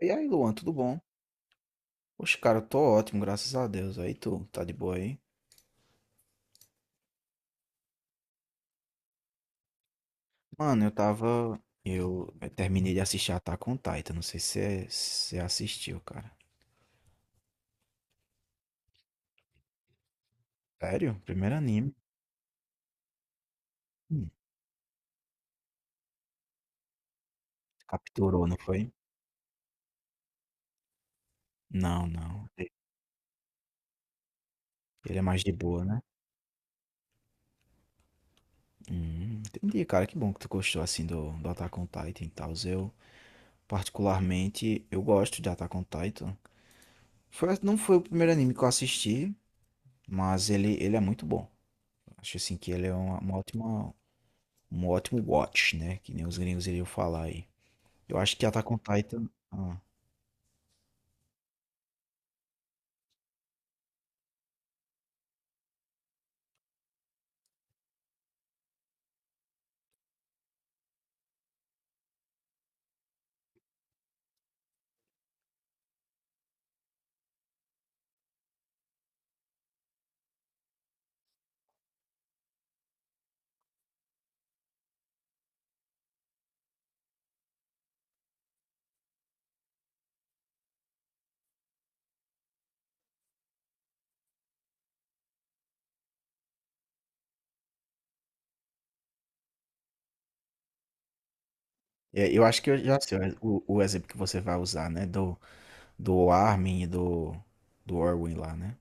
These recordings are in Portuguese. E aí, Luan, tudo bom? Oxe, cara, eu tô ótimo, graças a Deus. Aí tu, tá de boa aí? Mano, eu tava. Eu terminei de assistir Attack on Titan. Não sei se você se assistiu, cara. Sério? Primeiro anime. Hum, Capturou, não foi? Não, não. Ele é mais de boa, né? Entendi, cara. Que bom que tu gostou assim do Attack on Titan e tal. Eu, particularmente, eu gosto de Attack on Titan. Foi, não foi o primeiro anime que eu assisti, mas ele é muito bom. Acho assim que ele é uma ótima. Um ótimo watch, né, que nem os gringos iriam falar aí. Eu acho que Attack on Titan hã. É, eu acho que eu já sei o exemplo que você vai usar, né, do Armin e do Orwin lá, né.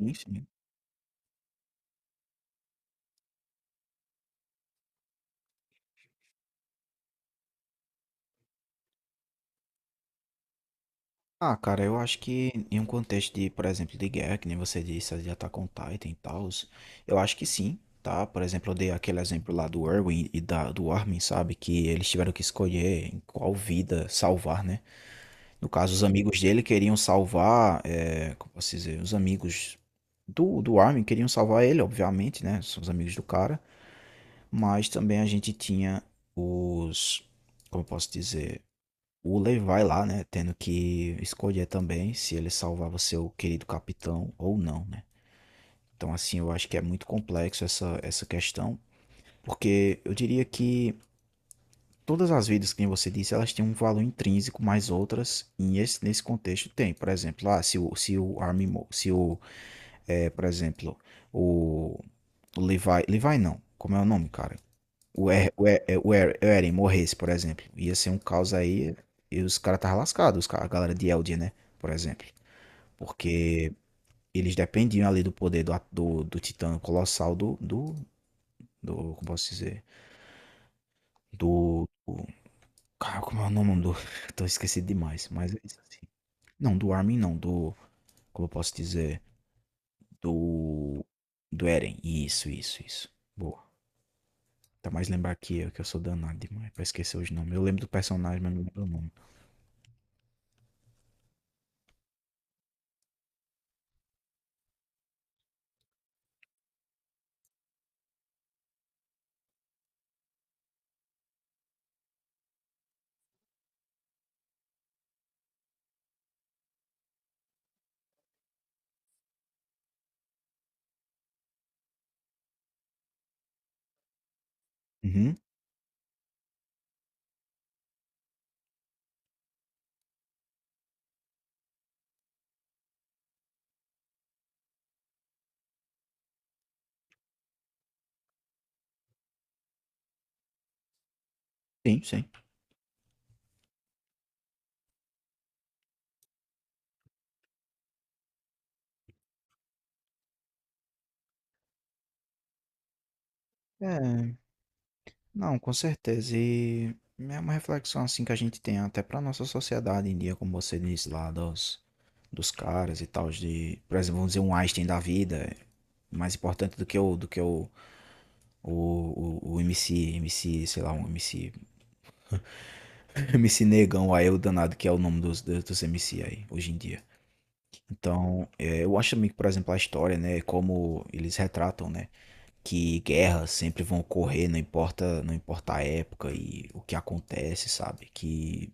Enfim. Ah, cara, eu acho que em um contexto de, por exemplo, de guerra, que nem você disse, de Attack on Titan e tal, eu acho que sim, tá. Por exemplo, eu dei aquele exemplo lá do Erwin e da do Armin, sabe, que eles tiveram que escolher em qual vida salvar, né. No caso, os amigos dele queriam salvar, é, como posso dizer, os amigos do Armin queriam salvar ele, obviamente, né? São os amigos do cara. Mas também a gente tinha os, como eu posso dizer, o Levi lá, né? Tendo que escolher também se ele salvava seu querido capitão ou não, né? Então, assim, eu acho que é muito complexo essa questão, porque eu diria que todas as vidas, que você disse, elas têm um valor intrínseco, mas outras, nesse contexto, tem. Por exemplo, ah, se o Armin, Mo- se o, é, por exemplo, o, Levi, Levi não, como é o nome, cara? O, er, é, o Eren morresse, por exemplo, ia ser um caos aí, e os caras estavam lascados, a galera de Eldia, né, por exemplo. Porque eles dependiam ali do poder do Titã Colossal como posso dizer, do, cara, como é o nome do? Tô esquecido demais, mas é isso assim. Não, do Armin não, do. Como eu posso dizer? Do. Do Eren. Isso, isso, isso. Boa. Tá mais lembrar que eu sou danado demais pra esquecer os nomes. Eu lembro do personagem, mas não lembro o nome. Uhum. Sim, sim. É, não, com certeza. E é uma reflexão assim que a gente tem até pra nossa sociedade em dia, como você disse lá, dos, dos caras e tal, de, por exemplo, vamos dizer, um Einstein da vida, é mais importante do que o, o MC, MC, sei lá, um MC, MC Negão, aí o danado, que é o nome dos, dos MC aí, hoje em dia. Então, é, eu acho também que, por exemplo, a história, né, como eles retratam, né, que guerras sempre vão ocorrer, não importa, não importa a época e o que acontece, sabe? Que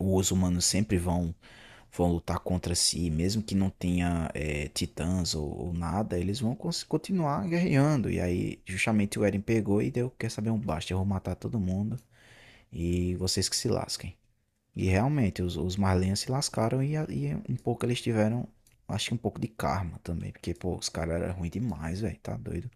os humanos sempre vão, vão lutar contra si, mesmo que não tenha é, titãs ou nada, eles vão continuar guerreando. E aí, justamente o Eren pegou e deu, quer saber, um basta, eu vou matar todo mundo. E vocês que se lasquem. E realmente, os Marlins se lascaram e um pouco eles tiveram, acho que um pouco de karma também. Porque, pô, os caras eram ruins demais, velho. Tá doido.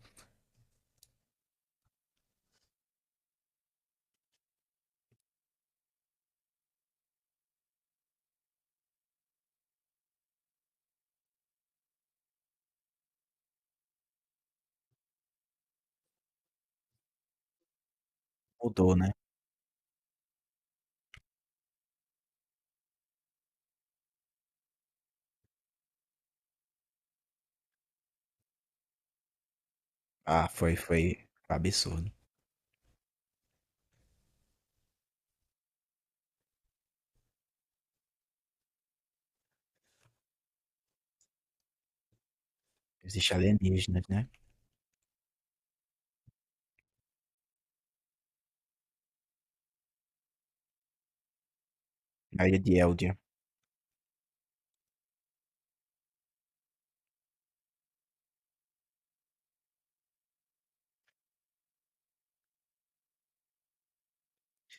Mudou, né? Ah, foi, foi absurdo. Existe alienígenas, né? A ilha de Eldia.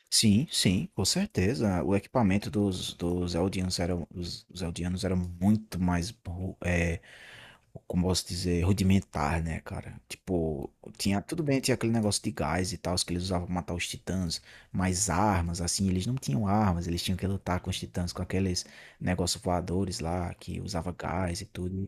Sim, sim, com certeza. O equipamento dos Eldianos era, os Eldianos eram muito mais é, como posso dizer, rudimentar, né, cara? Tipo, tinha, tudo bem, tinha aquele negócio de gás e tal, que eles usavam pra matar os titãs, mas armas, assim, eles não tinham armas, eles tinham que lutar com os titãs, com aqueles negócios voadores lá, que usava gás e tudo.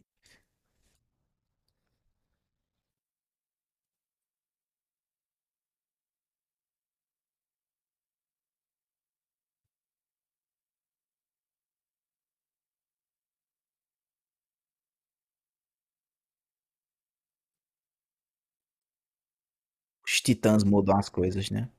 Os titãs mudam as coisas, né?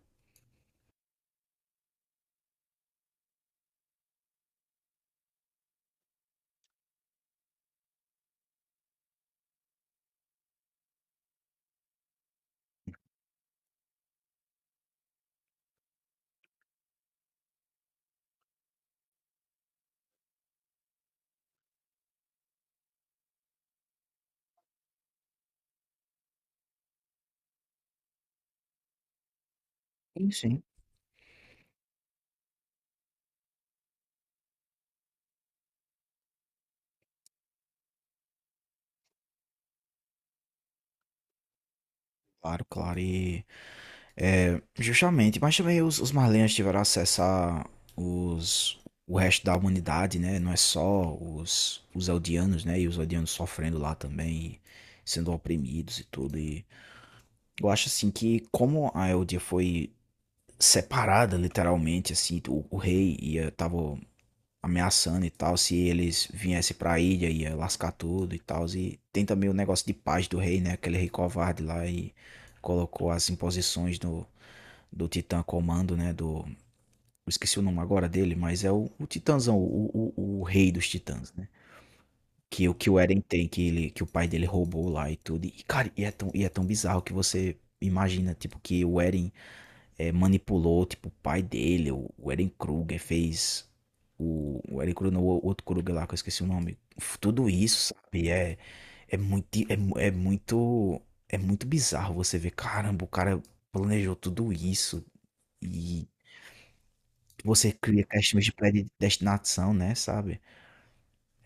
Sim, sim. Claro, claro, e é, justamente, mas também os Marlens tiveram acesso a os, o resto da humanidade, né? Não é só os Eldianos, né? E os Eldianos sofrendo lá também, sendo oprimidos e tudo. E eu acho assim que como a Eldia foi separada literalmente, assim, o rei ia, tava ameaçando e tal, se eles viessem pra ilha ia lascar tudo e tal. E tem também o negócio de paz do rei, né? Aquele rei covarde lá e colocou as imposições no do Titã Comando, né? Do. Eu esqueci o nome agora dele, mas é o Titãzão, o rei dos Titãs, né? Que o Eren tem, que, ele, que o pai dele roubou lá e tudo. E, cara, e é tão bizarro que você imagina, tipo, que o Eren é, manipulou, tipo, o pai dele, o Eren Kruger fez. O Eren Kruger, não, o outro Kruger lá, que eu esqueci o nome. Tudo isso, sabe? É, é, muito, é, é muito. É muito bizarro você ver, caramba, o cara planejou tudo isso. Você cria questões de predestinação, né, sabe.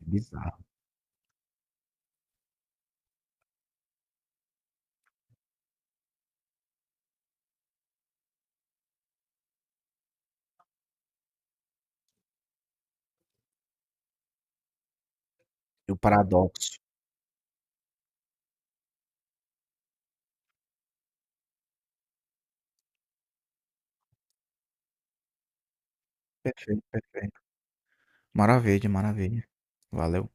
É bizarro. E o paradoxo. Perfeito, perfeito. Maravilha, maravilha. Valeu.